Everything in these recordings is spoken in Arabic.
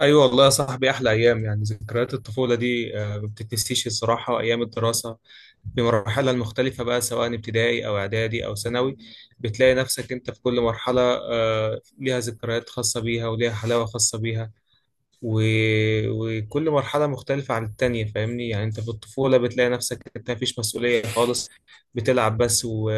ايوه والله يا صاحبي، احلى ايام، يعني ذكريات الطفوله دي، ما بتتنسيش الصراحه. ايام الدراسه بمراحلها المختلفه بقى سواء ابتدائي او اعدادي او ثانوي، بتلاقي نفسك انت في كل مرحله، ليها ذكريات خاصه بيها وليها حلاوه خاصه بيها. و... وكل مرحلة مختلفة عن التانية. فاهمني؟ يعني انت في الطفولة بتلاقي نفسك انت مفيش مسؤولية خالص، بتلعب بس.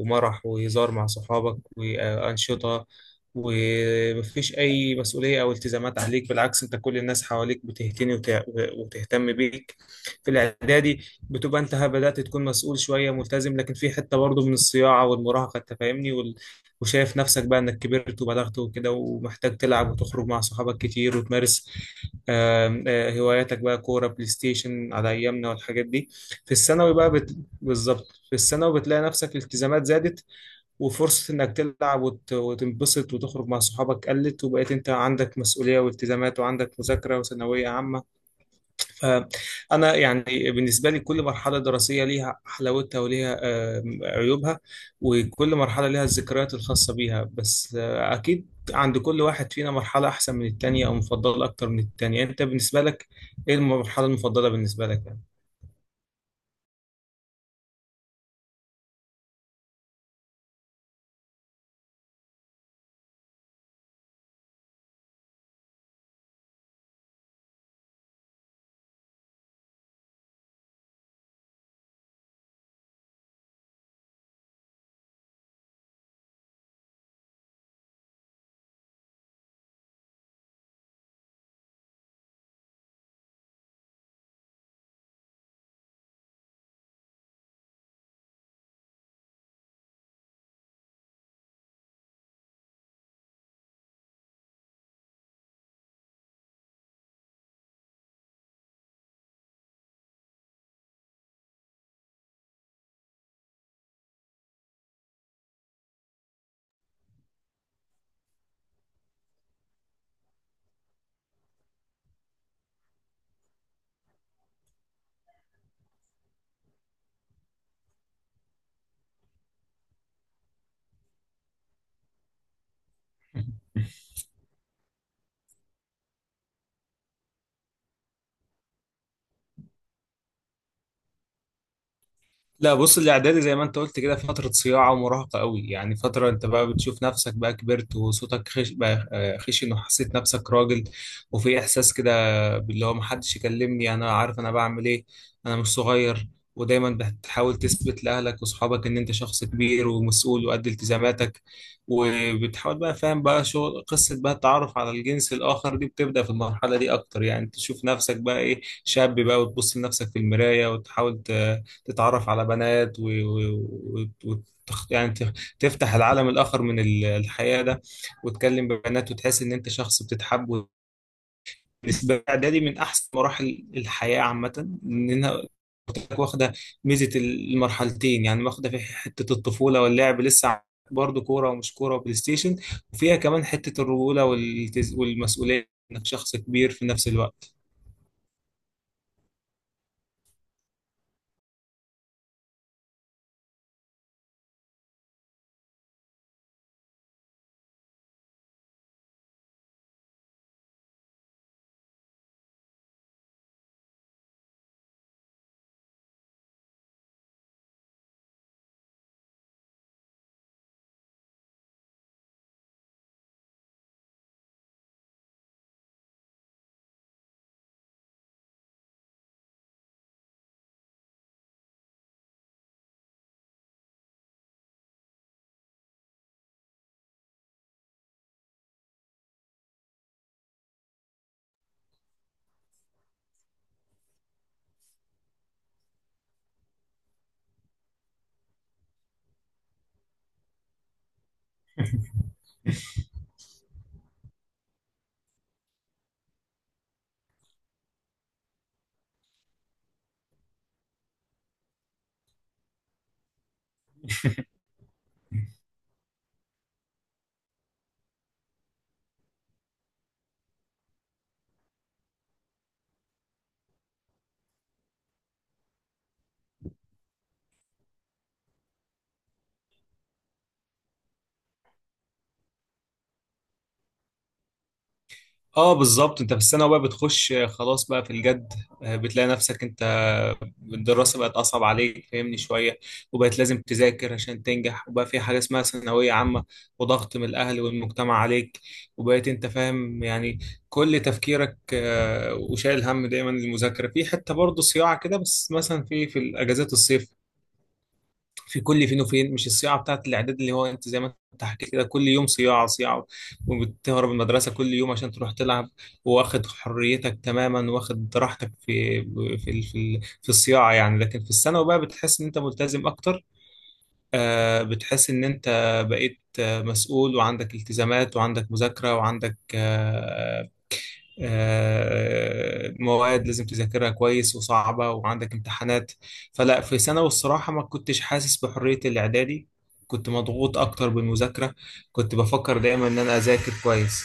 ومرح وهزار مع صحابك وأنشطة، ومفيش أي مسؤولية أو التزامات عليك. بالعكس، انت كل الناس حواليك بتهتني وتهتم بيك. في الإعدادي بتبقى انت بدأت تكون مسؤول شوية، ملتزم، لكن في حتة برضه من الصياعة والمراهقة. انت فاهمني؟ وشايف نفسك بقى انك كبرت وبلغت وكده، ومحتاج تلعب وتخرج مع صحابك كتير وتمارس آم، آه، هواياتك، بقى كورة، بلاي ستيشن على ايامنا والحاجات دي. في الثانوي بقى بالظبط في الثانوي بتلاقي نفسك الالتزامات زادت، وفرصة انك تلعب وتنبسط وتخرج مع صحابك قلت، وبقيت انت عندك مسؤولية والتزامات وعندك مذاكرة وثانوية عامة. أنا يعني بالنسبة لي كل مرحلة دراسية ليها حلاوتها وليها، عيوبها. وكل مرحلة ليها الذكريات الخاصة بيها، بس أكيد عند كل واحد فينا مرحلة أحسن من التانية أو مفضلة أكتر من التانية. أنت بالنسبة لك إيه المرحلة المفضلة بالنسبة لك يعني؟ لا بص، الاعدادي زي ما انت قلت كده فتره صياعه ومراهقه قوي، يعني فتره انت بقى بتشوف نفسك بقى كبرت وصوتك خش بقى خشن، وحسيت نفسك راجل، وفي احساس كده باللي هو محدش يكلمني، انا عارف انا بعمل ايه. انا مش صغير. ودايما بتحاول تثبت لاهلك واصحابك ان انت شخص كبير ومسؤول وقد التزاماتك. وبتحاول بقى، فاهم بقى شغل قصه بقى التعرف على الجنس الاخر دي، بتبدا في المرحله دي اكتر. يعني تشوف نفسك بقى ايه، شاب بقى، وتبص لنفسك في المرايه وتحاول تتعرف على بنات، و... و... يعني تفتح العالم الآخر من الحياة ده، وتكلم ببنات وتحس إن أنت شخص بتتحب. بالنسبة لي إعدادي من أحسن مراحل الحياة عامة، إنها واخدة ميزة المرحلتين، يعني واخدة في حتة الطفولة واللعب لسه برضه كورة ومش كورة وبلاي ستيشن، وفيها كمان حتة الرجولة والمسؤولية، إنك شخص كبير في نفس الوقت. اه بالظبط، انت في السنة بقى بتخش خلاص بقى في الجد. بتلاقي نفسك انت الدراسة بقت أصعب عليك، فاهمني، شوية، وبقت لازم تذاكر عشان تنجح، وبقى في حاجة اسمها ثانوية عامة، وضغط من الأهل والمجتمع عليك، وبقيت انت فاهم يعني كل تفكيرك وشايل هم دايما المذاكرة. في حتة برضه صياعة كده، بس مثلا في الأجازات الصيف، في كل فين وفين، مش الصياعه بتاعت الاعداد اللي هو انت زي ما انت حكيت كده كل يوم صياعه صياعه، وبتهرب من المدرسه كل يوم عشان تروح تلعب، واخد حريتك تماما، واخد راحتك في الصياعه يعني. لكن في الثانوي بقى بتحس ان انت ملتزم اكتر. بتحس ان انت بقيت مسؤول، وعندك التزامات، وعندك مذاكره، وعندك مواد لازم تذاكرها كويس وصعبة، وعندك امتحانات. فلا، في ثانوي الصراحة ما كنتش حاسس بحرية الإعدادي، كنت مضغوط أكتر بالمذاكرة، كنت بفكر دايما إن أنا أذاكر كويس.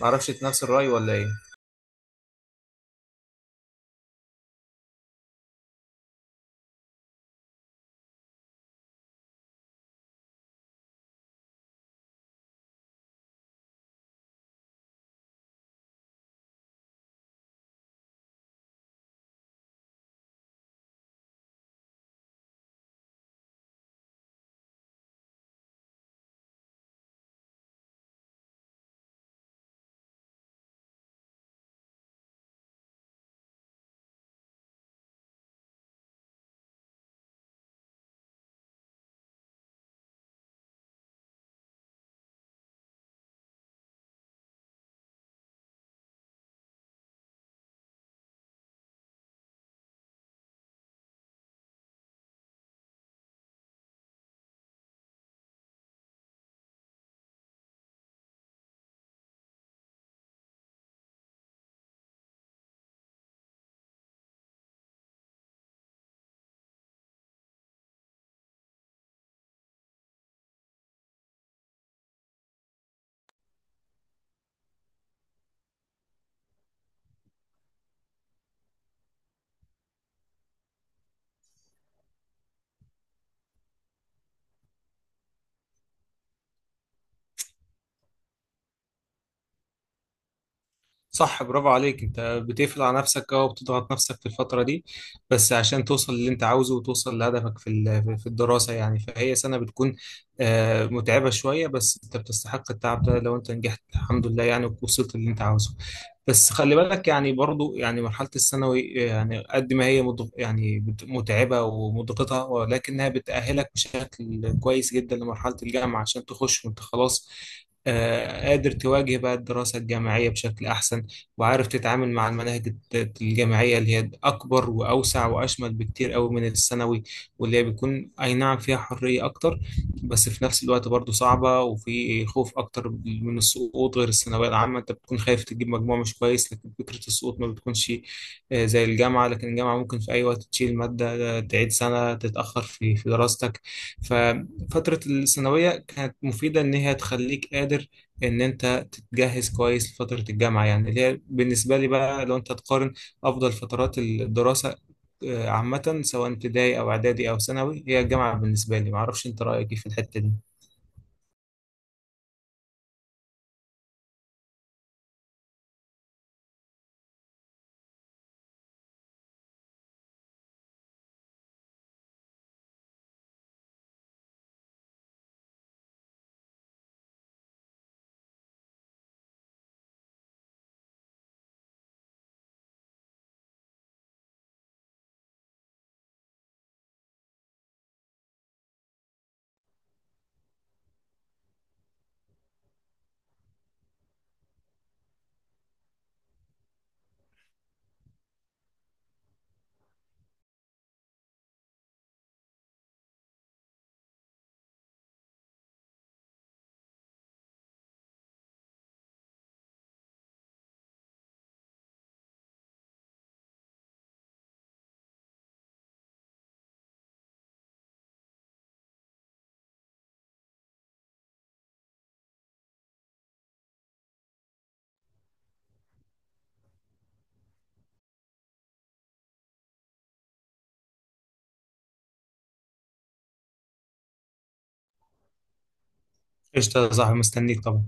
معرفش إنت نفس الرأي ولا إيه؟ صح، برافو عليك. انت بتقفل على نفسك اه، وبتضغط نفسك في الفترة دي بس عشان توصل للي انت عاوزه، وتوصل لهدفك في الدراسة، يعني فهي سنة بتكون متعبة شوية، بس انت بتستحق التعب ده لو انت نجحت الحمد لله، يعني ووصلت اللي انت عاوزه. بس خلي بالك يعني برضو، يعني مرحلة الثانوي يعني قد ما هي يعني متعبة ومضغطة، ولكنها بتأهلك بشكل كويس جدا لمرحلة الجامعة، عشان تخش وانت خلاص قادر تواجه بقى الدراسة الجامعية بشكل أحسن، وعارف تتعامل مع المناهج الجامعية اللي هي أكبر وأوسع وأشمل بكتير قوي من الثانوي، واللي هي بيكون أي نعم فيها حرية أكتر، بس في نفس الوقت برضه صعبة، وفي خوف أكتر من السقوط. غير الثانوية العامة، أنت بتكون خايف تجيب مجموع مش كويس، لكن فكرة السقوط ما بتكونش زي الجامعة. لكن الجامعة ممكن في أي وقت تشيل مادة، تعيد سنة، تتأخر في دراستك. ففترة الثانوية كانت مفيدة إن هي تخليك قادر إن أنت جهز كويس لفترة الجامعة، يعني اللي هي بالنسبة لي بقى لو أنت تقارن أفضل فترات الدراسة عامة سواء ابتدائي أو إعدادي أو ثانوي، هي الجامعة بالنسبة لي. معرفش أنت رأيك إيه في الحتة دي؟ قشطة يا صاحبي، مستنيك طبعا.